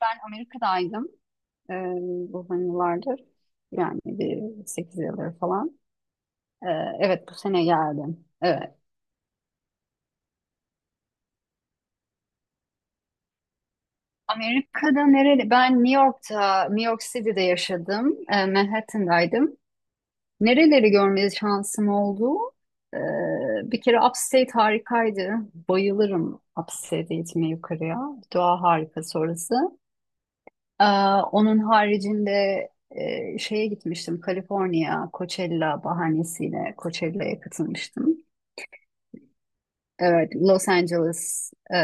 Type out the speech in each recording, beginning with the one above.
Ben Amerika'daydım, e, uzun yıllardır. Yani bir 8 yıldır falan. E, evet, bu sene geldim. Evet. Amerika'da nereli? Ben New York'ta, New York City'de yaşadım. Manhattan'daydım. Nereleri görme şansım oldu? E, Bir kere Upstate harikaydı. Bayılırım Upstate'e gitmeye yukarıya. Doğa harikası orası. Ee, Onun haricinde şeye gitmiştim, Kaliforniya, Coachella bahanesiyle Coachella'ya katılmıştım. Evet, Los Angeles,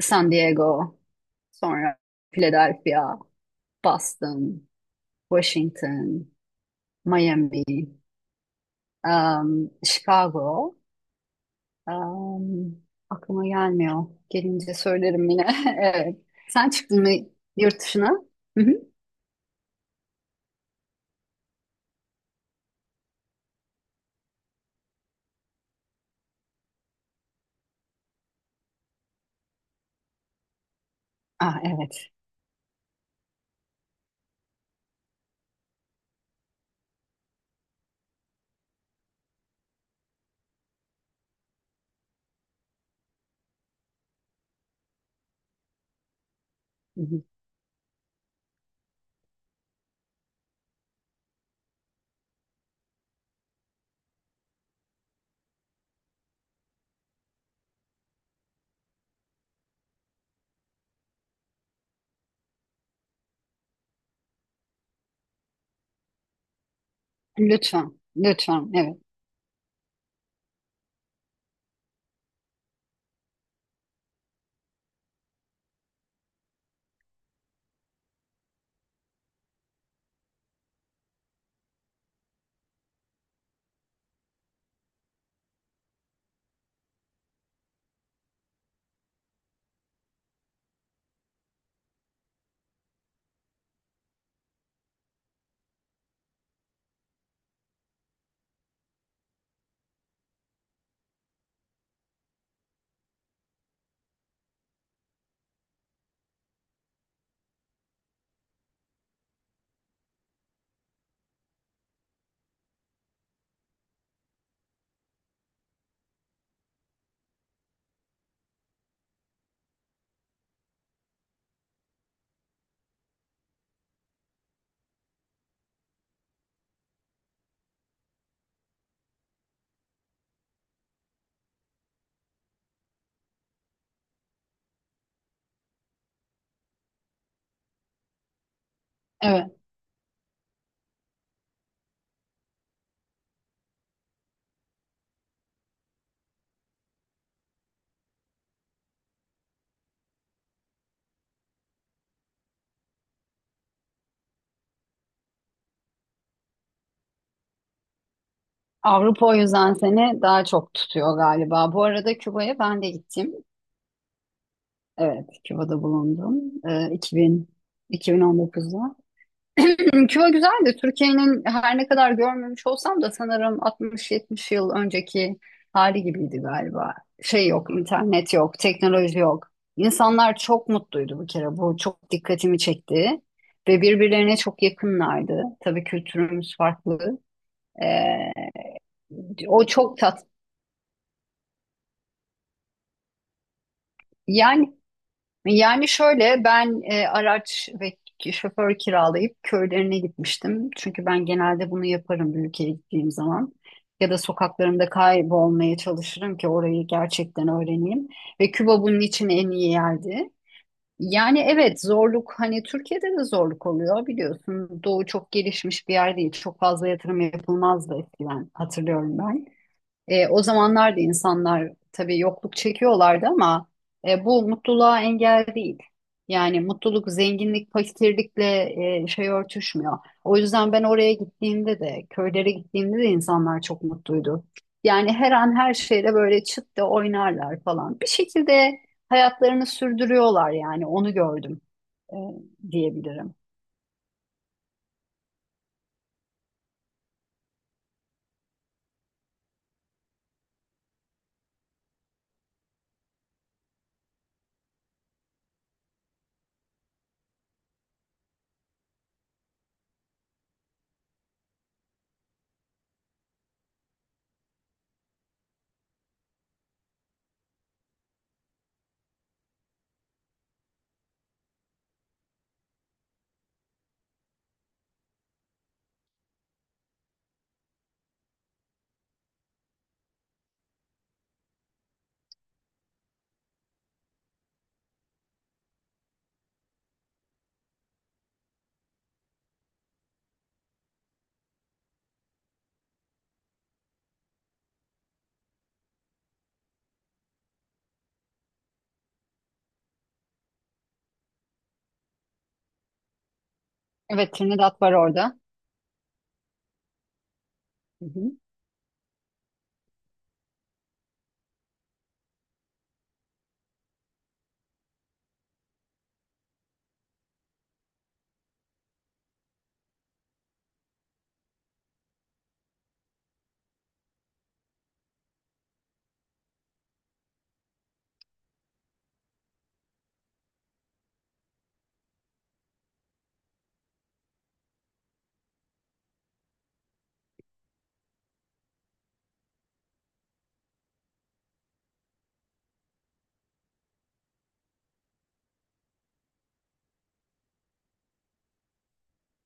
San Diego, sonra Philadelphia, Boston, Washington, Miami, Chicago. Um, aklıma gelmiyor. Gelince söylerim yine. Evet. Sen çıktın mı yurt dışına? Hı hı. Ah, evet. Hı hı. Lütfen, lütfen. Evet. Evet. Avrupa o yüzden seni daha çok tutuyor galiba. Bu arada Küba'ya ben de gittim. Evet, Küba'da bulundum. Ee, 2000, 2019'da. Küba güzeldi. Türkiye'nin her ne kadar görmemiş olsam da sanırım 60-70 yıl önceki hali gibiydi galiba. Şey yok, internet yok, teknoloji yok. İnsanlar çok mutluydu bir kere. Bu çok dikkatimi çekti. Ve birbirlerine çok yakınlardı. Tabii kültürümüz farklı. Ee, O çok tat. Yani Yani şöyle ben, araç ve şoför kiralayıp köylerine gitmiştim. Çünkü ben genelde bunu yaparım bir ülkeye gittiğim zaman. Ya da sokaklarımda kaybolmaya çalışırım ki orayı gerçekten öğreneyim. Ve Küba bunun için en iyi yerdi. Yani evet, zorluk hani Türkiye'de de zorluk oluyor biliyorsun. Doğu çok gelişmiş bir yer değil. Çok fazla yatırım yapılmazdı eskiden, hatırlıyorum ben. O zamanlar da insanlar tabii yokluk çekiyorlardı ama bu mutluluğa engel değil. Yani mutluluk, zenginlik, fakirlikle şey örtüşmüyor. O yüzden ben oraya gittiğimde de, köylere gittiğimde de insanlar çok mutluydu. Yani her an her şeyle böyle çıt da oynarlar falan. Bir şekilde hayatlarını sürdürüyorlar, yani onu gördüm, e, diyebilirim. Evet, Trinidad var orada. Hı hı.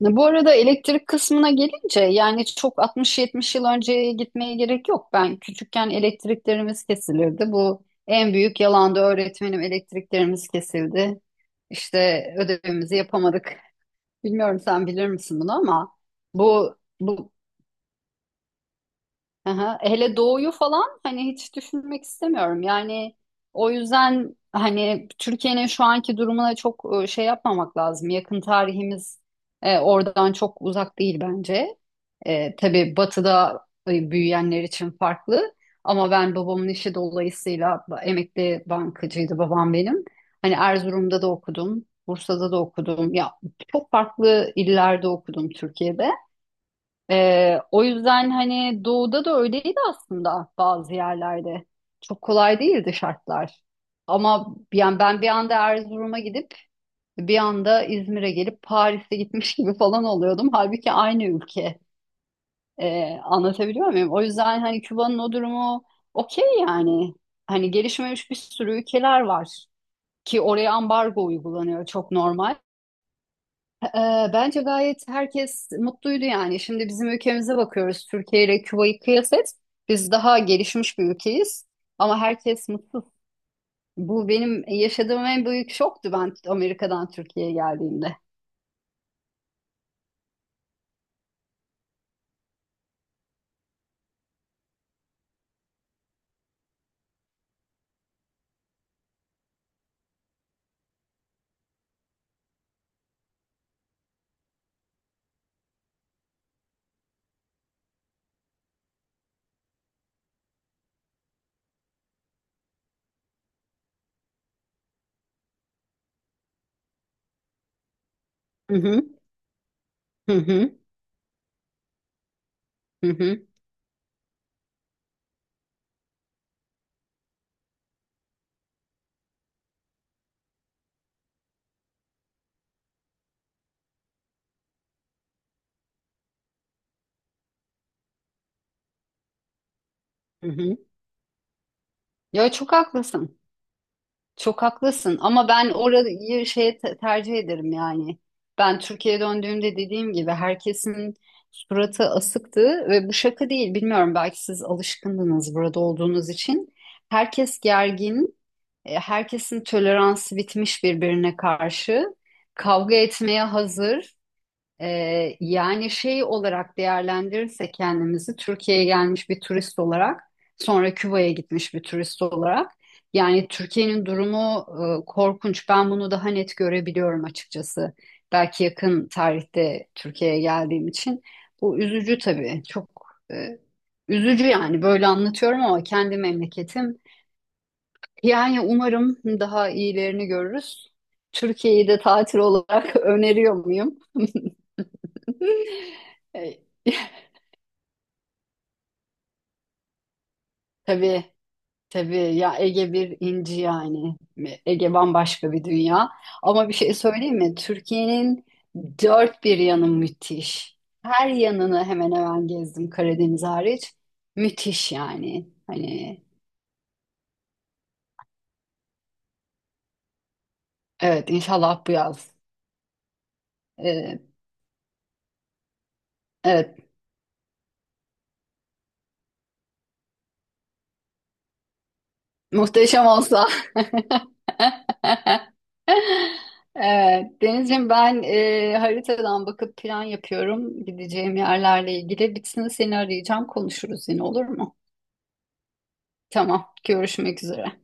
Bu arada elektrik kısmına gelince yani çok 60-70 yıl önceye gitmeye gerek yok. Ben küçükken elektriklerimiz kesilirdi. Bu en büyük yalandı. Öğretmenim elektriklerimiz kesildi. İşte ödevimizi yapamadık. Bilmiyorum sen bilir misin bunu ama bu bu aha, hele doğuyu falan hani hiç düşünmek istemiyorum. Yani o yüzden hani Türkiye'nin şu anki durumuna çok şey yapmamak lazım. Yakın tarihimiz oradan çok uzak değil bence. Tabii batıda büyüyenler için farklı, ama ben babamın işi dolayısıyla emekli bankacıydı babam benim. Hani Erzurum'da da okudum, Bursa'da da okudum. Ya çok farklı illerde okudum Türkiye'de. O yüzden hani doğuda da öyleydi aslında bazı yerlerde. Çok kolay değildi şartlar. Ama yani ben bir anda Erzurum'a gidip bir anda İzmir'e gelip Paris'e gitmiş gibi falan oluyordum. Halbuki aynı ülke. Anlatabiliyor muyum? O yüzden hani Küba'nın o durumu okey yani. Hani gelişmemiş bir sürü ülkeler var ki oraya ambargo uygulanıyor, çok normal. Bence gayet herkes mutluydu yani. Şimdi bizim ülkemize bakıyoruz. Türkiye ile Küba'yı kıyas et. Biz daha gelişmiş bir ülkeyiz ama herkes mutsuz. Bu benim yaşadığım en büyük şoktu, ben Amerika'dan Türkiye'ye geldiğimde. Hı hı, hı hı, hı hı, hı hı. Ya çok haklısın. Çok haklısın ama ben orayı şeye tercih ederim yani. Ben Türkiye'ye döndüğümde dediğim gibi herkesin suratı asıktı ve bu şaka değil. Bilmiyorum, belki siz alışkındınız burada olduğunuz için. Herkes gergin, herkesin toleransı bitmiş birbirine karşı. Kavga etmeye hazır. Yani şey olarak değerlendirirsek kendimizi, Türkiye'ye gelmiş bir turist olarak, sonra Küba'ya gitmiş bir turist olarak, yani Türkiye'nin durumu korkunç. Ben bunu daha net görebiliyorum açıkçası. Belki yakın tarihte Türkiye'ye geldiğim için. Bu üzücü tabii. Çok e, üzücü yani, böyle anlatıyorum ama kendi memleketim. Yani umarım daha iyilerini görürüz. Türkiye'yi de tatil olarak öneriyor muyum? E, tabii Tabii ya, Ege bir inci yani. Ege bambaşka bir dünya. Ama bir şey söyleyeyim mi? Türkiye'nin dört bir yanı müthiş. Her yanını hemen hemen gezdim, Karadeniz hariç. Müthiş yani. Hani evet, inşallah bu yaz. Ee, evet, muhteşem olsa. Evet, Denizciğim, ben haritadan bakıp plan yapıyorum gideceğim yerlerle ilgili. Bitsin, seni arayacağım, konuşuruz yine, olur mu? Tamam. Görüşmek üzere.